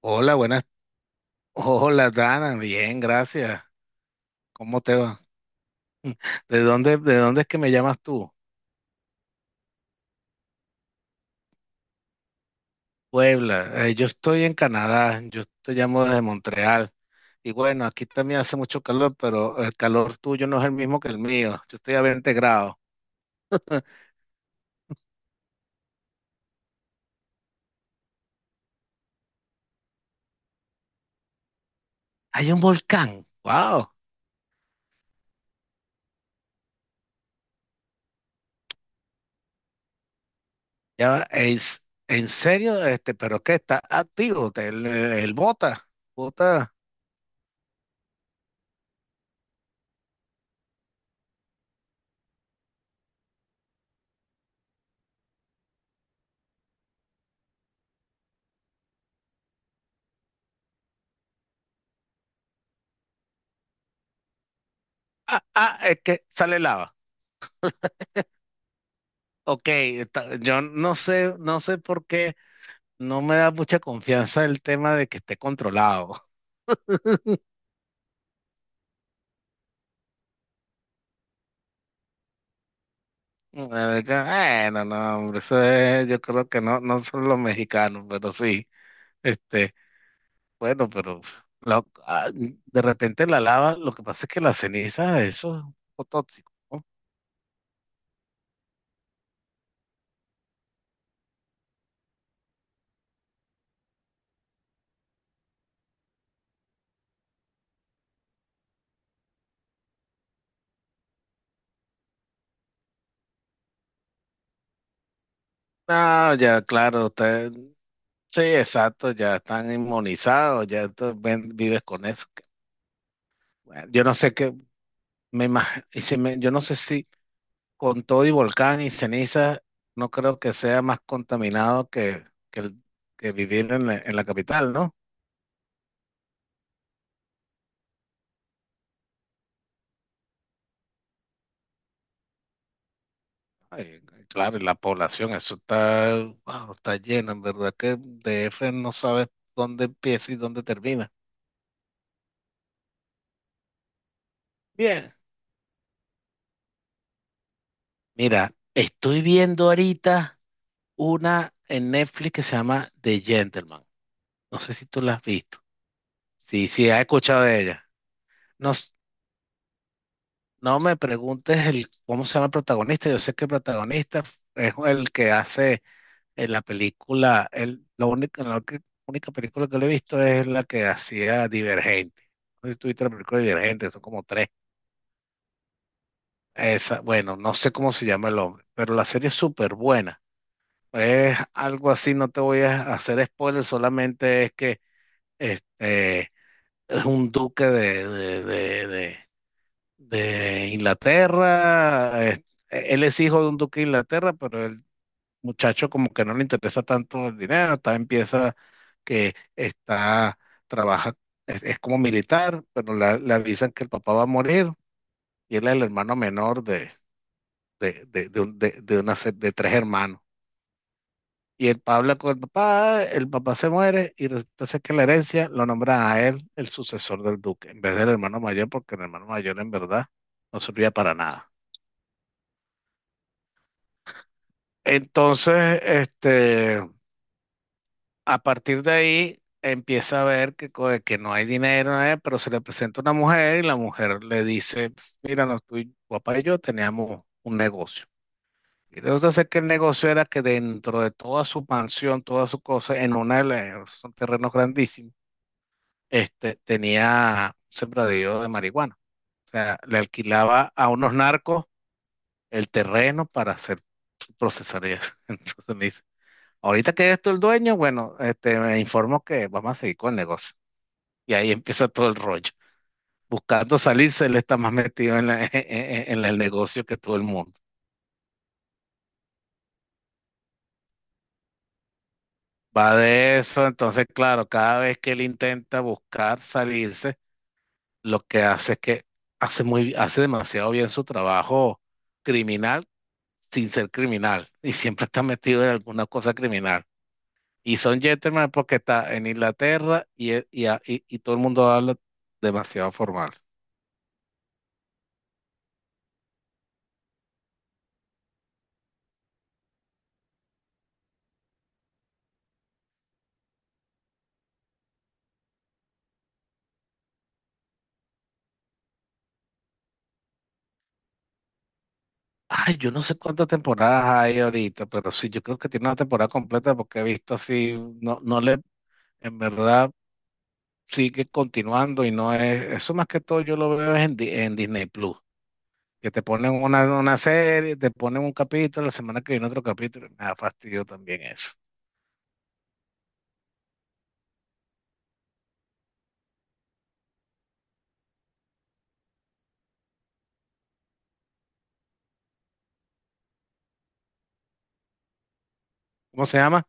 Hola, buenas. Hola, Dana. Bien, gracias. ¿Cómo te va? De dónde es que me llamas tú? Puebla. Yo estoy en Canadá. Yo te llamo desde Montreal. Y bueno, aquí también hace mucho calor, pero el calor tuyo no es el mismo que el mío. Yo estoy a 20 grados. Hay un volcán. Wow. Ya, va, es, en serio, pero qué está activo. El bota. Bota. Ah, ah, es que sale lava. Ok, yo no sé, no sé por qué. No me da mucha confianza el tema de que esté controlado. Bueno, no, hombre, yo creo que no, no son los mexicanos, pero sí, este, bueno, pero de repente la lava, lo que pasa es que la ceniza, eso es un poco tóxico, ¿no? Ah, ya, claro, usted, sí, exacto, ya están inmunizados, ya vives con eso. Yo no sé qué, me imagino, yo no sé si con todo y volcán y ceniza, no creo que sea más contaminado que, el- que vivir en la capital, ¿no? Ay, claro, y la población, eso está, wow, está lleno, en verdad que DF no sabes dónde empieza y dónde termina. Bien, mira, estoy viendo ahorita una en Netflix que se llama The Gentleman. No sé si tú la has visto. Sí, sí, has escuchado de ella. No, no me preguntes el cómo se llama el protagonista. Yo sé que el protagonista es el que hace en la película, la única única película que le he visto es la que hacía Divergente. No sé si tuviste la película Divergente, son como tres. Esa, bueno, no sé cómo se llama el hombre, pero la serie es súper buena. Es algo así, no te voy a hacer spoiler, solamente es que este es un duque de Inglaterra. Él es hijo de un duque de Inglaterra, pero el muchacho como que no le interesa tanto el dinero. Empieza que está, trabaja, es como militar, pero le avisan que el papá va a morir y él es el hermano menor de una, de tres hermanos. Y el papá habla con el papá se muere y resulta ser que la herencia lo nombra a él el sucesor del duque, en vez del hermano mayor, porque el hermano mayor en verdad no servía para nada. Entonces, a partir de ahí empieza a ver que, que no hay dinero, pero se le presenta una mujer y la mujer le dice, "Ps, mira, no, tu papá y yo teníamos un negocio. Y resulta ser que el negocio era que dentro de toda su mansión, todas sus cosas, en una de las, son terrenos grandísimos, tenía un sembradío de marihuana. O sea, le alquilaba a unos narcos el terreno para hacer procesar eso. Entonces me dice, ahorita que eres tú el dueño, bueno, me informo que vamos a seguir con el negocio. Y ahí empieza todo el rollo. Buscando salirse, él está más metido en, el negocio que todo el mundo. Va de eso, entonces, claro, cada vez que él intenta buscar salirse, lo que hace es que hace demasiado bien su trabajo criminal sin ser criminal. Y siempre está metido en alguna cosa criminal. Y son gentlemen porque está en Inglaterra y todo el mundo habla demasiado formal. Ay, yo no sé cuántas temporadas hay ahorita, pero sí, yo creo que tiene una temporada completa porque he visto así, no, no le, en verdad sigue continuando y no es, eso más que todo yo lo veo es en Disney Plus, que te ponen una serie, te ponen un capítulo, la semana que viene otro capítulo, me da fastidio también eso. ¿Cómo se llama?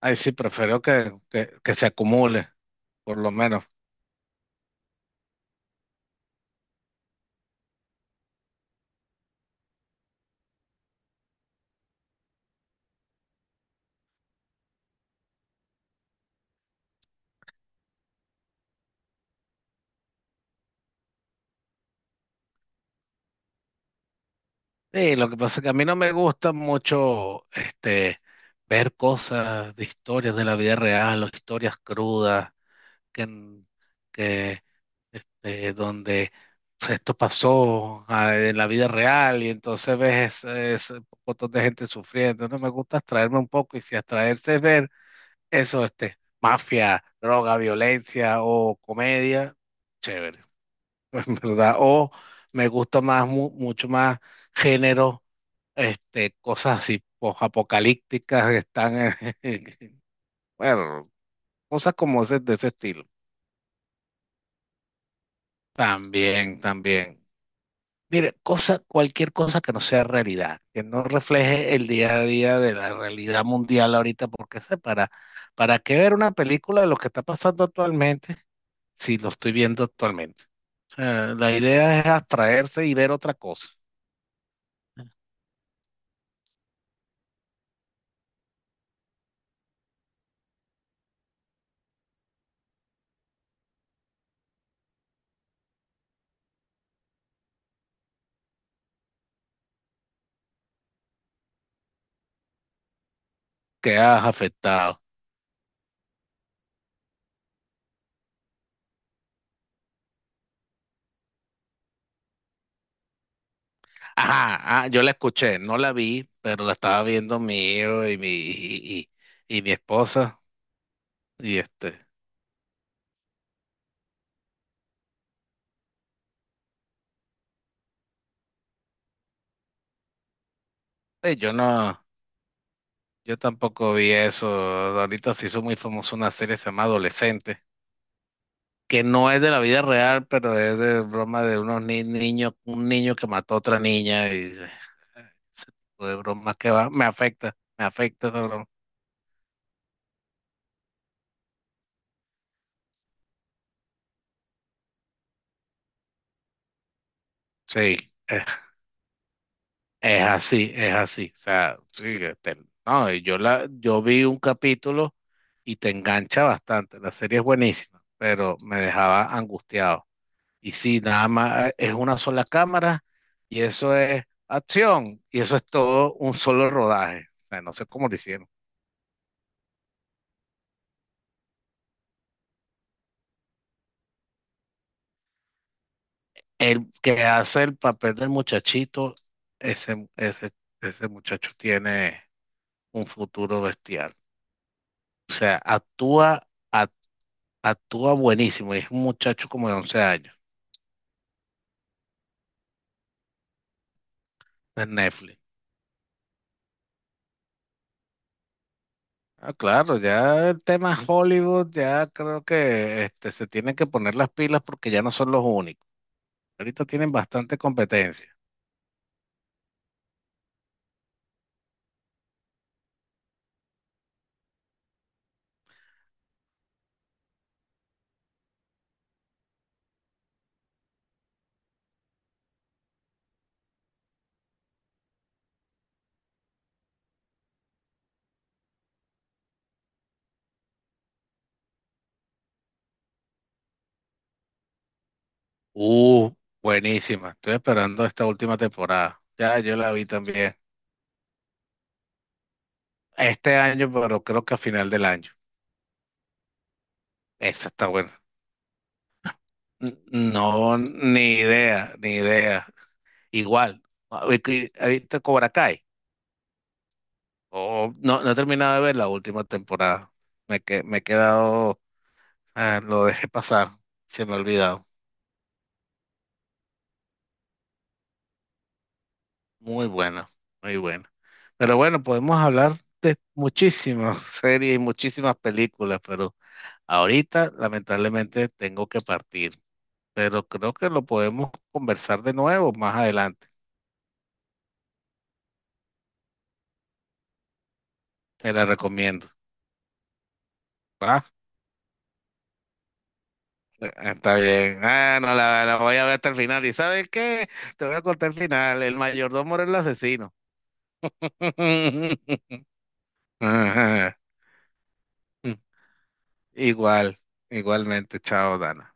Ay, sí, prefiero que, que se acumule, por lo menos. Sí, lo que pasa es que a mí no me gusta mucho, ver cosas de historias de la vida real o historias crudas. Que, en- que, este, Donde pues, esto pasó en la vida real y entonces ves ese montón de gente sufriendo. No me gusta abstraerme un poco y si abstraerse es ver eso, mafia, droga, violencia o comedia, chévere, en verdad. O me gusta más, mucho más género, cosas así apocalípticas que están, en- bueno, cosas como ese, de ese estilo. También, también. Mire, cosa, cualquier cosa que no sea realidad, que no refleje el día a día de la realidad mundial ahorita, porque sé, ¿para qué ver una película de lo que está pasando actualmente si lo estoy viendo actualmente? O sea, la idea es abstraerse y ver otra cosa que has afectado. Ajá, ah, yo la escuché, no la vi, pero la estaba viendo mi hijo y mi esposa, y este, eh, yo no, yo tampoco vi eso, ahorita se hizo muy famosa una serie que se llama Adolescente que no es de la vida real, pero es de broma de unos niños, un niño que mató a otra niña y ese tipo de broma que va, me afecta esa broma. Sí, es, es así, es así. O sea, sí, que no, yo vi un capítulo y te engancha bastante. La serie es buenísima, pero me dejaba angustiado. Y sí, nada más es una sola cámara y eso es acción y eso es todo un solo rodaje. O sea, no sé cómo lo hicieron. El que hace el papel del muchachito, ese, ese, ese muchacho tiene un futuro bestial. O sea, ac- actúa buenísimo. Y es un muchacho como de 11 años en Netflix. Ah, claro, ya el tema Hollywood, ya creo que se tienen que poner las pilas porque ya no son los únicos. Ahorita tienen bastante competencia. Uh, buenísima. Estoy esperando esta última temporada. Ya yo la vi también. Este año, pero creo que a final del año. Esa está buena. N- No, ni idea, ni idea. Igual, a ver ¿has visto Cobra Kai? O no, no he terminado de ver la última temporada. Me he quedado, ah, lo dejé pasar, se me ha olvidado. Muy buena, muy buena. Pero bueno, podemos hablar de muchísimas series y muchísimas películas, pero ahorita lamentablemente tengo que partir. Pero creo que lo podemos conversar de nuevo más adelante. Te la recomiendo. ¿Va? Está bien. Ah, no, la voy a ver hasta el final. ¿Y sabes qué? Te voy a contar el final. El mayordomo era el asesino. Ajá. Igual, igualmente. Chao, Dana.